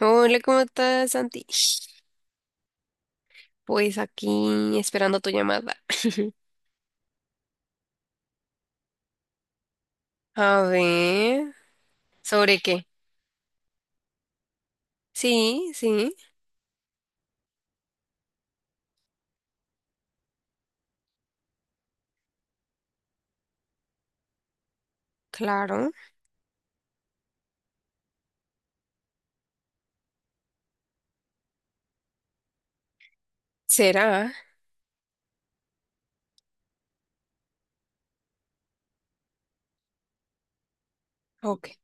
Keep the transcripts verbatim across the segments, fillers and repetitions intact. Hola, ¿cómo estás, Santi? Pues aquí esperando tu llamada. A ver, ¿sobre qué? Sí, sí, claro. ¿Será? Ok.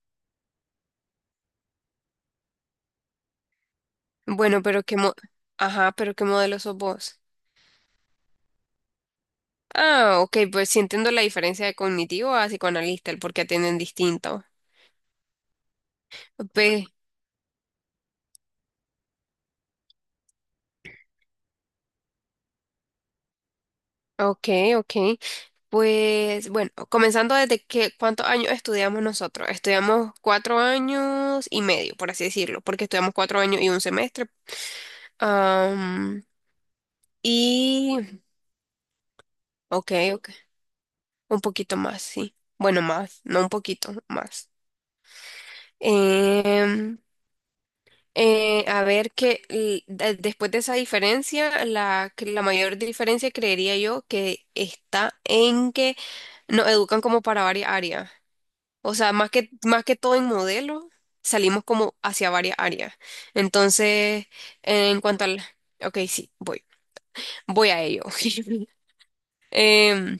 Bueno, pero qué mo- ajá, pero ¿qué modelo sos vos? Ah, ok, pues sí entiendo la diferencia de cognitivo a psicoanalista, el por qué atienden distinto. Pe- ok, ok. Pues bueno, comenzando desde que, ¿cuántos años estudiamos nosotros? Estudiamos cuatro años y medio, por así decirlo, porque estudiamos cuatro años y un semestre. Am, y, ok, ok, un poquito más, sí. Bueno, más, no un poquito más. Em, eh, a ver que l- de- después de esa diferencia, la, que la mayor diferencia creería yo que está en que nos educan como para varias áreas. O sea, más que, más que todo en modelo, salimos como hacia varias áreas. Entonces, en cuanto al... Ok, sí, voy. Voy a ello. Em,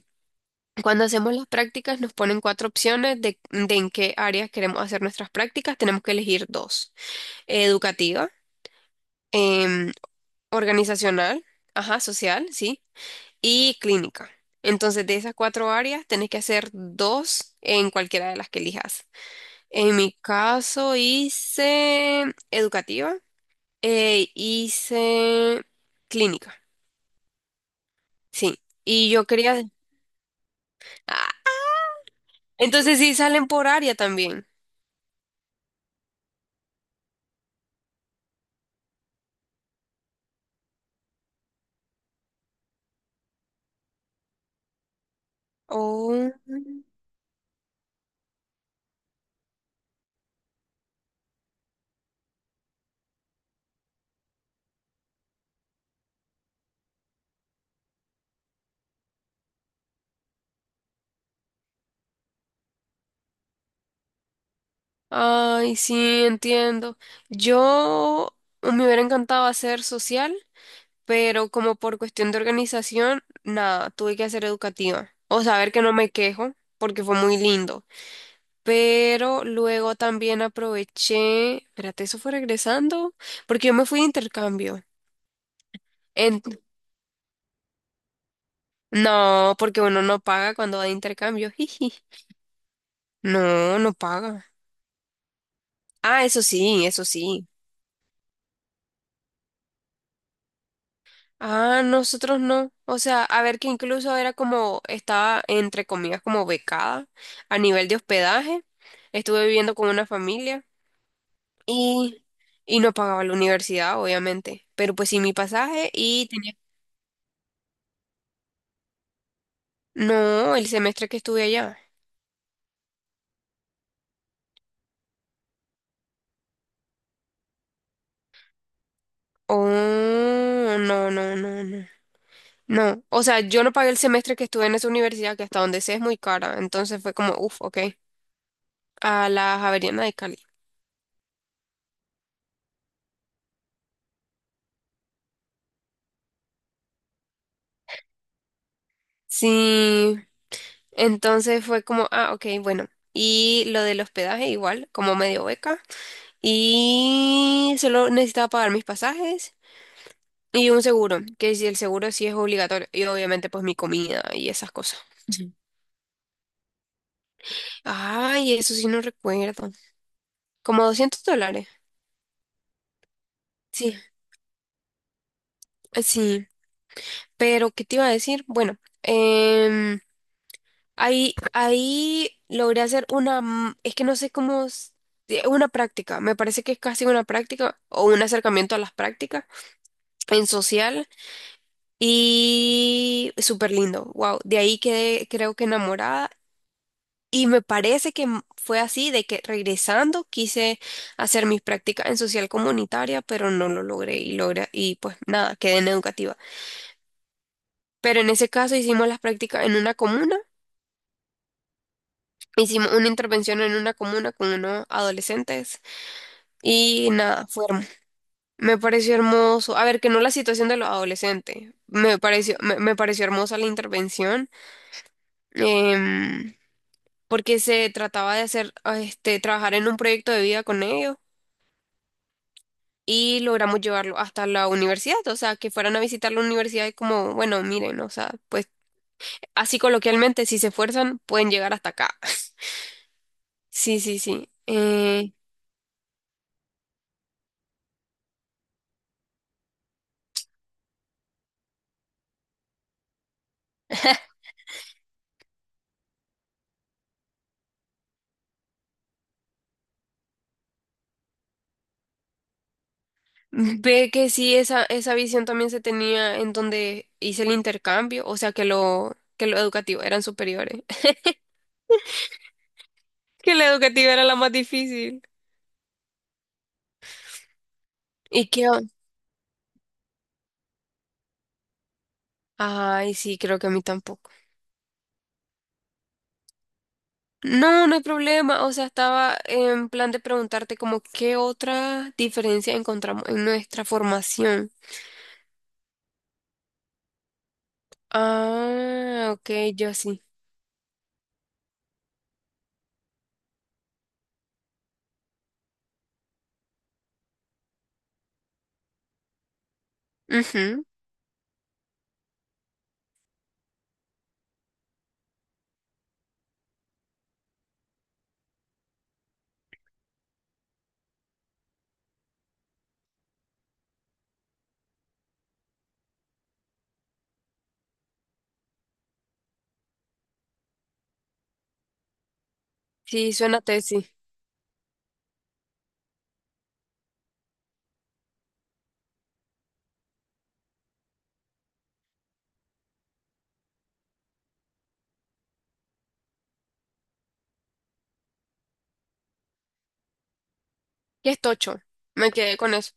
cuando hacemos las prácticas nos ponen cuatro opciones de, de en qué áreas queremos hacer nuestras prácticas. Tenemos que elegir dos. Educativa, em, organizacional, ajá, social, sí, y clínica. Entonces, de esas cuatro áreas, tenés que hacer dos en cualquiera de las que elijas. En mi caso, hice educativa, eh, hice clínica, sí. Y yo quería... Ah, entonces, sí, salen por área también. Oh. Ay, sí, entiendo. Yo me hubiera encantado hacer social, pero como por cuestión de organización, nada, tuve que hacer educativa. O saber que no me quejo, porque fue muy lindo. Pero luego también aproveché, espérate, eso fue regresando, porque yo me fui de intercambio. En- No, porque uno no paga cuando va de intercambio. Jiji. No, no paga. Ah, eso sí, eso sí. Ah, nosotros no. O sea, a ver que incluso era como, estaba entre comillas como becada a nivel de hospedaje. Estuve viviendo con una familia y, y no pagaba la universidad, obviamente. Pero pues sí mi pasaje y tenía... No, el semestre que estuve allá. Oh, no, no, no, no. No, o sea, yo no pagué el semestre que estuve en esa universidad, que hasta donde sé es muy cara. Entonces fue como, uff, ok. A la Javeriana de Cali. Sí, entonces fue como, ah, ok, bueno. Y lo del hospedaje igual, como medio beca. Y solo necesitaba pagar mis pasajes y un seguro, que si el seguro sí es obligatorio. Y obviamente pues mi comida y esas cosas. Ujú. Ay, eso sí no recuerdo. Como doscientos dólares. Sí, sí. Pero, ¿qué te iba a decir? Bueno, em, Ahí, ahí logré hacer una, m- es que no sé cómo, s- eh, una práctica, me parece que es casi una práctica o un acercamiento a las prácticas en social y súper lindo, wow, de ahí quedé creo que enamorada y me parece que m- fue así, de que regresando quise hacer mis prácticas en social comunitaria, pero no lo logré y logré, y pues nada, quedé en educativa. Pero en ese caso hicimos las prácticas en una comuna, hicimos una intervención en una comuna con unos adolescentes. Y nada, fue hermoso. Me pareció hermoso. A ver, que no la situación de los adolescentes. Me pareció, me, me pareció hermosa la intervención. em, porque se trataba de hacer, ah, este, trabajar en un proyecto de vida con ellos. Y logramos llevarlo hasta la universidad. O sea, que fueran a visitar la universidad y como, bueno, miren, o sea, pues así coloquialmente, si se esfuerzan, pueden llegar hasta acá. Sí, sí, sí. Eh, ve que sí, esa, esa visión también se tenía en donde hice el intercambio, o sea que lo, que lo educativo eran superiores, que la educativa era la más difícil. ¿Y qué? on- Ay, sí, creo que a mí tampoco. No, no hay problema, o sea, estaba en plan de preguntarte como qué otra diferencia encontramos en nuestra formación. Ah, ok, yo sí. Ujú, sí, suena tesis. ¿Qué es tocho? Me quedé con eso.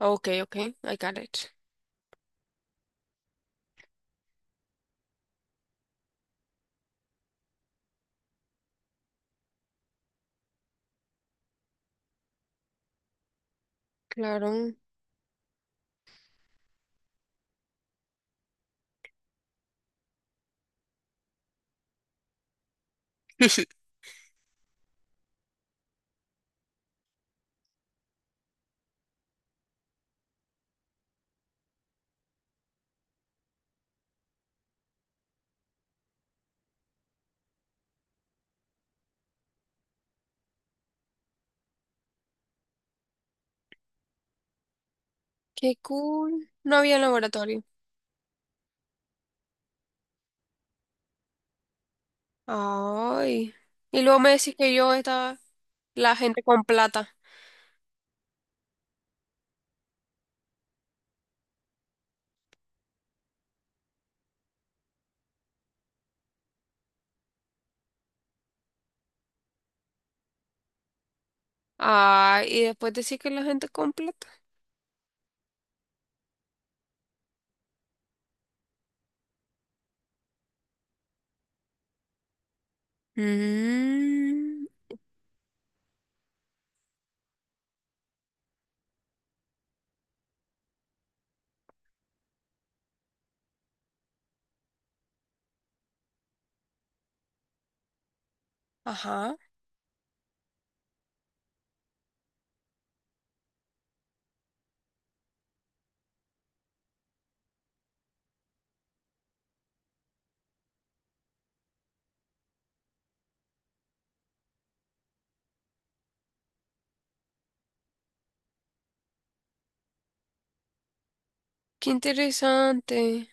Ok, ok, I got it. Claro. Qué cool. No había laboratorio. Ay. Y luego me decís que yo estaba la gente con plata. Ay, y después decís que la gente con plata. Mm, ajá. Qué interesante.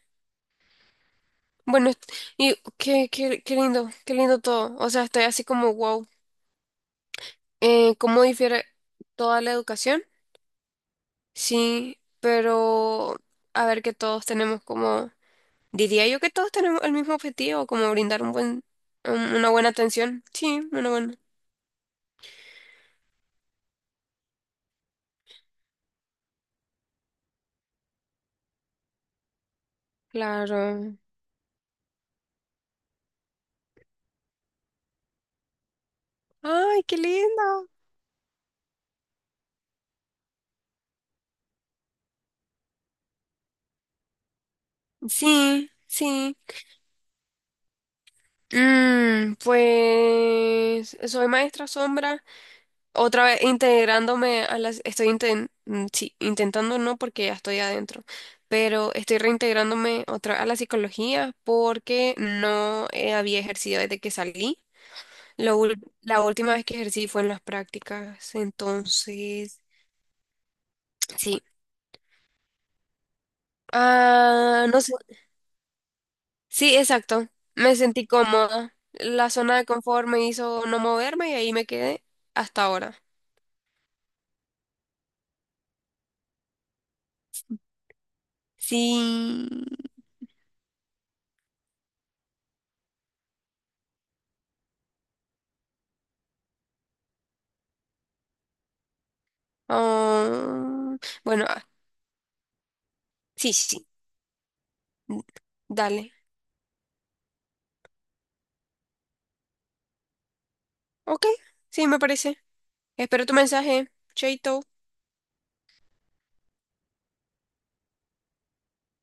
Bueno, est- y qué, qué, qué lindo, qué lindo todo. O sea, estoy así como wow. Eh, ¿cómo difiere toda la educación? Sí, pero a ver que todos tenemos como diría yo que todos tenemos el mismo objetivo, como brindar un buen, un- una buena atención. Sí, una buena. Claro. Ay, qué lindo. Sí, sí. Mm, pues soy maestra sombra, otra vez integrándome a las, estoy inten- mm, sí, intentando no porque ya estoy adentro, pero estoy reintegrándome otra a la psicología porque no eh, había ejercido desde que salí. Lo ul- la última vez que ejercí fue en las prácticas, entonces, sí. Ah, no sé. Sí, exacto. Me sentí cómoda. La zona de confort me hizo no moverme y ahí me quedé hasta ahora. Sí. Ah, bueno, ah, sí, sí. Sí. Dale. Ok, sí, me parece. Espero tu mensaje. Chaito.